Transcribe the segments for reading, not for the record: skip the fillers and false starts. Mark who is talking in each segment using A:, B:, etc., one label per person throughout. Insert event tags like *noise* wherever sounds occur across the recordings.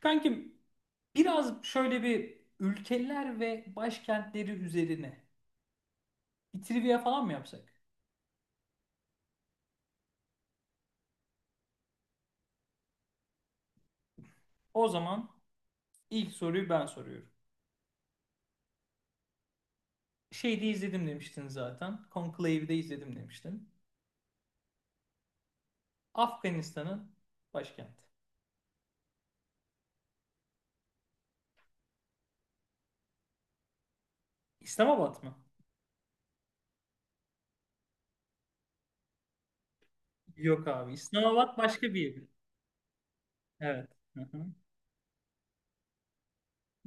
A: Kankim biraz şöyle bir ülkeler ve başkentleri üzerine bir trivia falan mı yapsak? O zaman ilk soruyu ben soruyorum. Şeyde izledim demiştin zaten. Conclave'de izledim demiştin. Afganistan'ın başkenti. İslamabad mı? Yok abi. İslamabad başka bir yer. Evet. Hı hı.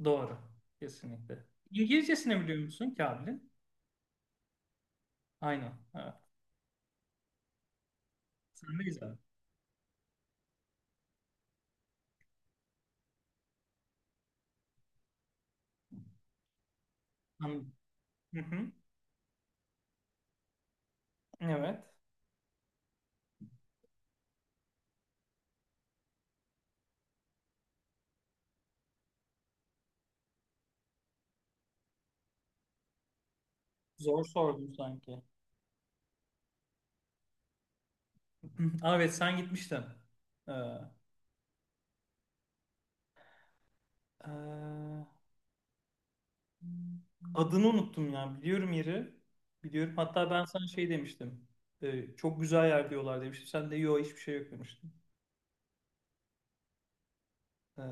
A: Doğru. Kesinlikle. İngilizcesini biliyor musun Kabil'in? Aynen. Evet. Sen de izledin. Anladım. Hı hı. Evet. Zor sordum sanki. Hı hı. Aa, evet sen gitmiştin. Ee, ee, adını unuttum ya. Biliyorum yeri. Biliyorum. Hatta ben sana şey demiştim. Çok güzel yer diyorlar demiştim. Sen de yok hiçbir şey yok demiştin. Ee,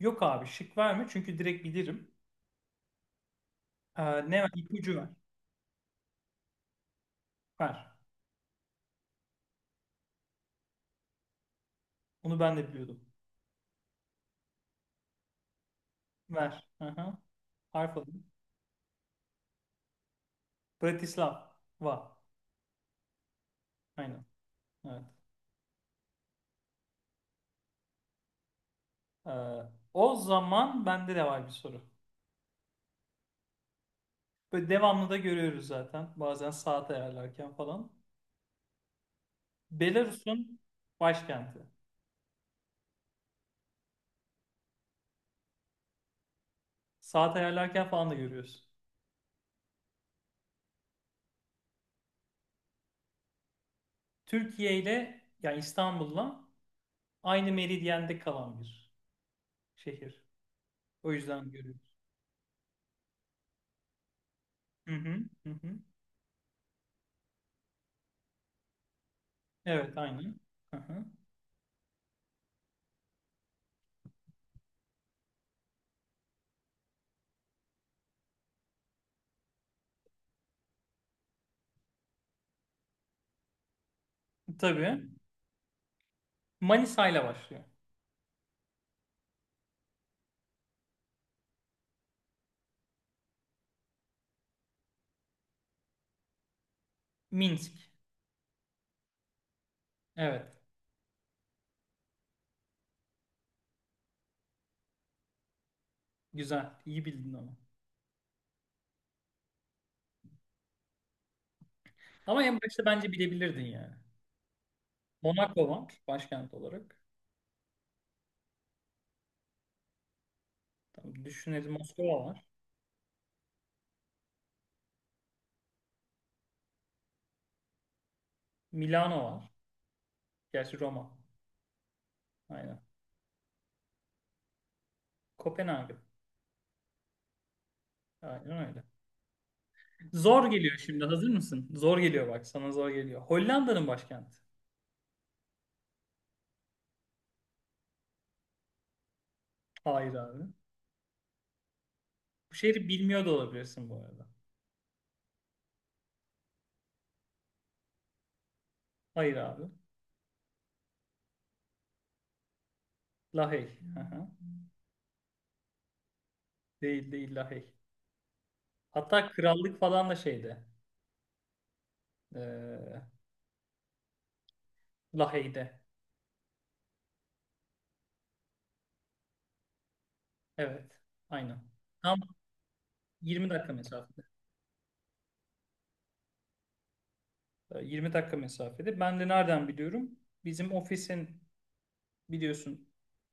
A: yok abi şık verme çünkü direkt bilirim. Ee, ne ver? İpucu ver. Ver. Onu ben de biliyordum. Ver. Aha. Harf alayım. Bratislava. Aynen. Evet. Ee, o zaman bende de var bir soru. Böyle devamlı da görüyoruz zaten. Bazen saat ayarlarken falan. Belarus'un başkenti. Saat ayarlarken falan da görüyoruz. Türkiye ile yani İstanbul'la aynı meridyende kalan bir şehir. O yüzden görüyoruz. Hı hı, hı hı. Evet, aynen. Hı hı. Tabii. Manisa ile başlıyor. Minsk. Evet. Güzel. İyi bildin onu. Ama en başta bence bilebilirdin yani. Monaco var başkent olarak. Tamam, düşünelim Moskova var. Milano var. Gerçi Roma. Aynen. Kopenhag. Aynen öyle. Zor geliyor şimdi. Hazır mısın? Zor geliyor bak. Sana zor geliyor. Hollanda'nın başkenti. Hayır abi. Bu şehri bilmiyor da olabilirsin bu arada. Hayır abi. Lahey. Aha. Değil değil Lahey. Hatta krallık falan da şeyde. Ee, Lahey'de. Evet. Aynen. Tam 20 dakika mesafede. 20 dakika mesafede. Ben de nereden biliyorum? Bizim ofisin biliyorsun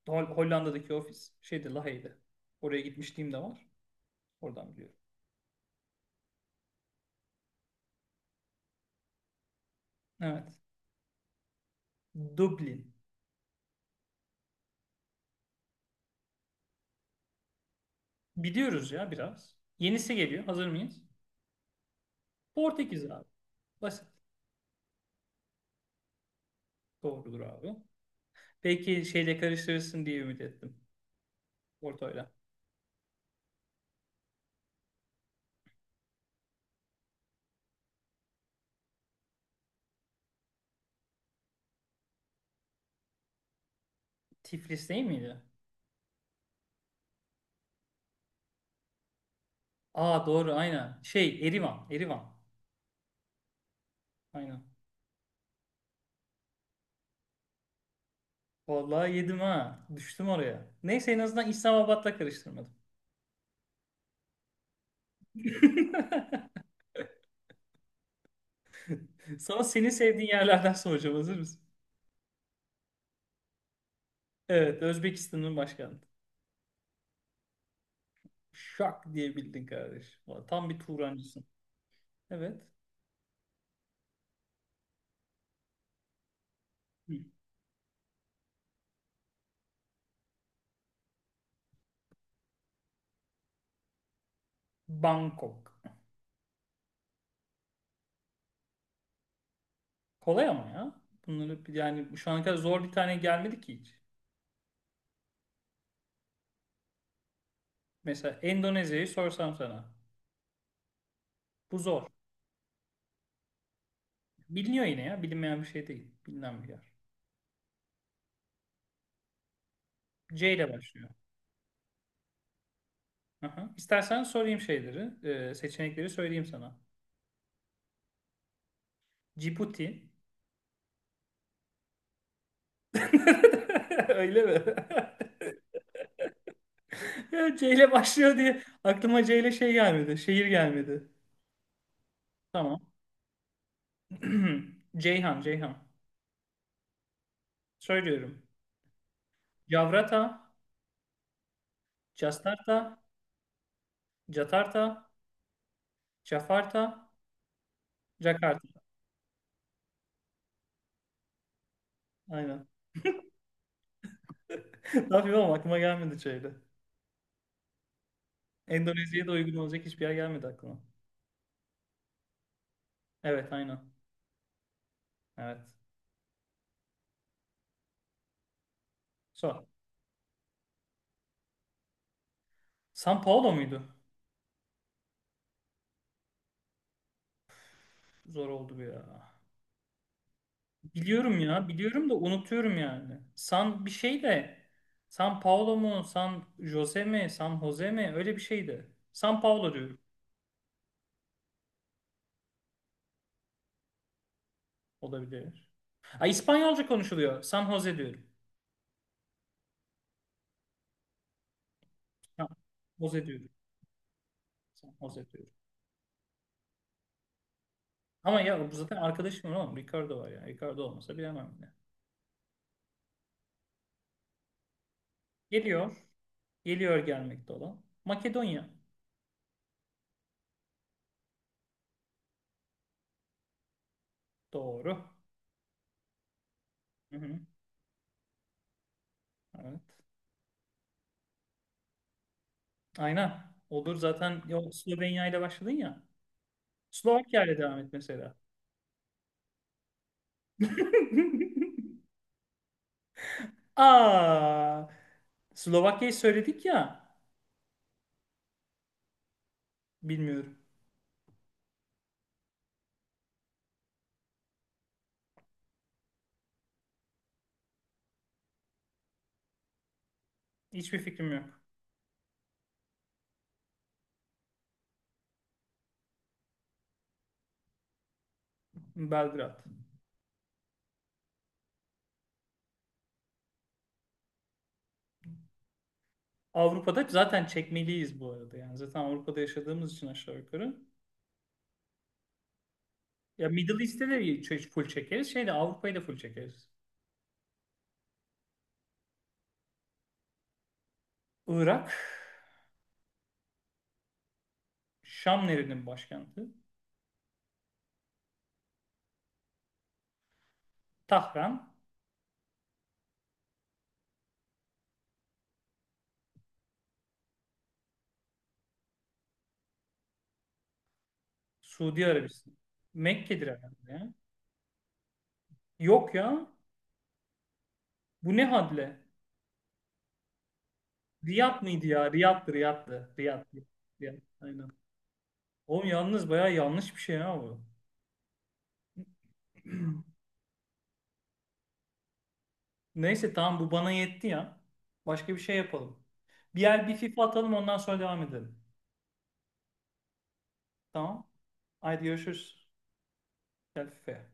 A: Hollanda'daki ofis şeyde Lahey'de. Oraya gitmişliğim de var. Oradan biliyorum. Evet. Dublin. Biliyoruz ya biraz. Yenisi geliyor. Hazır mıyız? Portekiz abi. Basit. Doğrudur abi. Belki şeyle karıştırırsın diye ümit ettim. Porto'yla. Tiflis değil miydi? Aa doğru aynen. Şey Erivan. Erivan. Aynen. Vallahi yedim ha. Düştüm oraya. Neyse en azından İslamabad'la karıştırmadım. *laughs* Sana senin sevdiğin yerlerden soracağım. Hazır mısın? Evet. Özbekistan'ın başkenti. Şak diye bildin kardeş. Vallahi tam bir Turancısın. Evet. Hı. Bangkok. Kolay ama ya. Bunları yani şu ana kadar zor bir tane gelmedi ki hiç. Mesela Endonezya'yı sorsam sana. Bu zor. Biliniyor yine ya. Bilinmeyen bir şey değil. Bilinen bir yer. C ile başlıyor. Aha. İstersen sorayım şeyleri. Seçenekleri söyleyeyim sana. Cibuti. *laughs* Öyle mi? *laughs* Ya C ile başlıyor diye aklıma C ile şey gelmedi. Şehir gelmedi. Tamam. *clears throat* Ceyhan, Ceyhan. Söylüyorum. Javrata, Jastarta, Jatarta, Jafarta, Jakarta. Aynen. *laughs* Ne yapayım ama aklıma gelmedi şeyde. Endonezya'ya da uygun olacak hiçbir yer gelmedi aklıma. Evet aynen. Evet. Sor. São Paulo muydu? Zor oldu bu ya. Biliyorum ya. Biliyorum da unutuyorum yani. San bir şey de San Paulo mu? San Jose mi? San Jose mi? Öyle bir şeydi. San Paulo diyorum. Olabilir. Ha, İspanyolca konuşuluyor. San Jose diyorum. San Jose diyorum. San Jose diyorum. Ama ya bu zaten arkadaşım var oğlum. Ricardo var ya. Ricardo olmasa bilemem bile. Geliyor. Geliyor gelmekte olan. Makedonya. Doğru. Hı hı. Evet. Aynen. Olur zaten. Ya, Slovenya ile başladın ya. Slovakya ile devam et mesela. *laughs* Aa, Slovakya'yı söyledik ya. Bilmiyorum. Hiçbir fikrim yok. Belgrad. Avrupa'da zaten çekmeliyiz bu arada. Yani zaten Avrupa'da yaşadığımız için aşağı yukarı. Ya Middle East'te de full çekeriz. Şeyde Avrupa'yı da full çekeriz. Irak. Şam nerenin başkenti? Tahran. Suudi Arabistan. Mekke'dir herhalde ya. Yok ya. Bu ne hadle? Riyad mıydı ya? Riyad'dı, Riyad'dı. Riyad, Riyad. Aynen. Oğlum yalnız bayağı yanlış bir şey ya bu. *clears throat* Neyse tamam bu bana yetti ya. Başka bir şey yapalım. Bir yer bir FIFA atalım ondan sonra devam edelim. Tamam. Haydi görüşürüz. Gel FIFA'ya.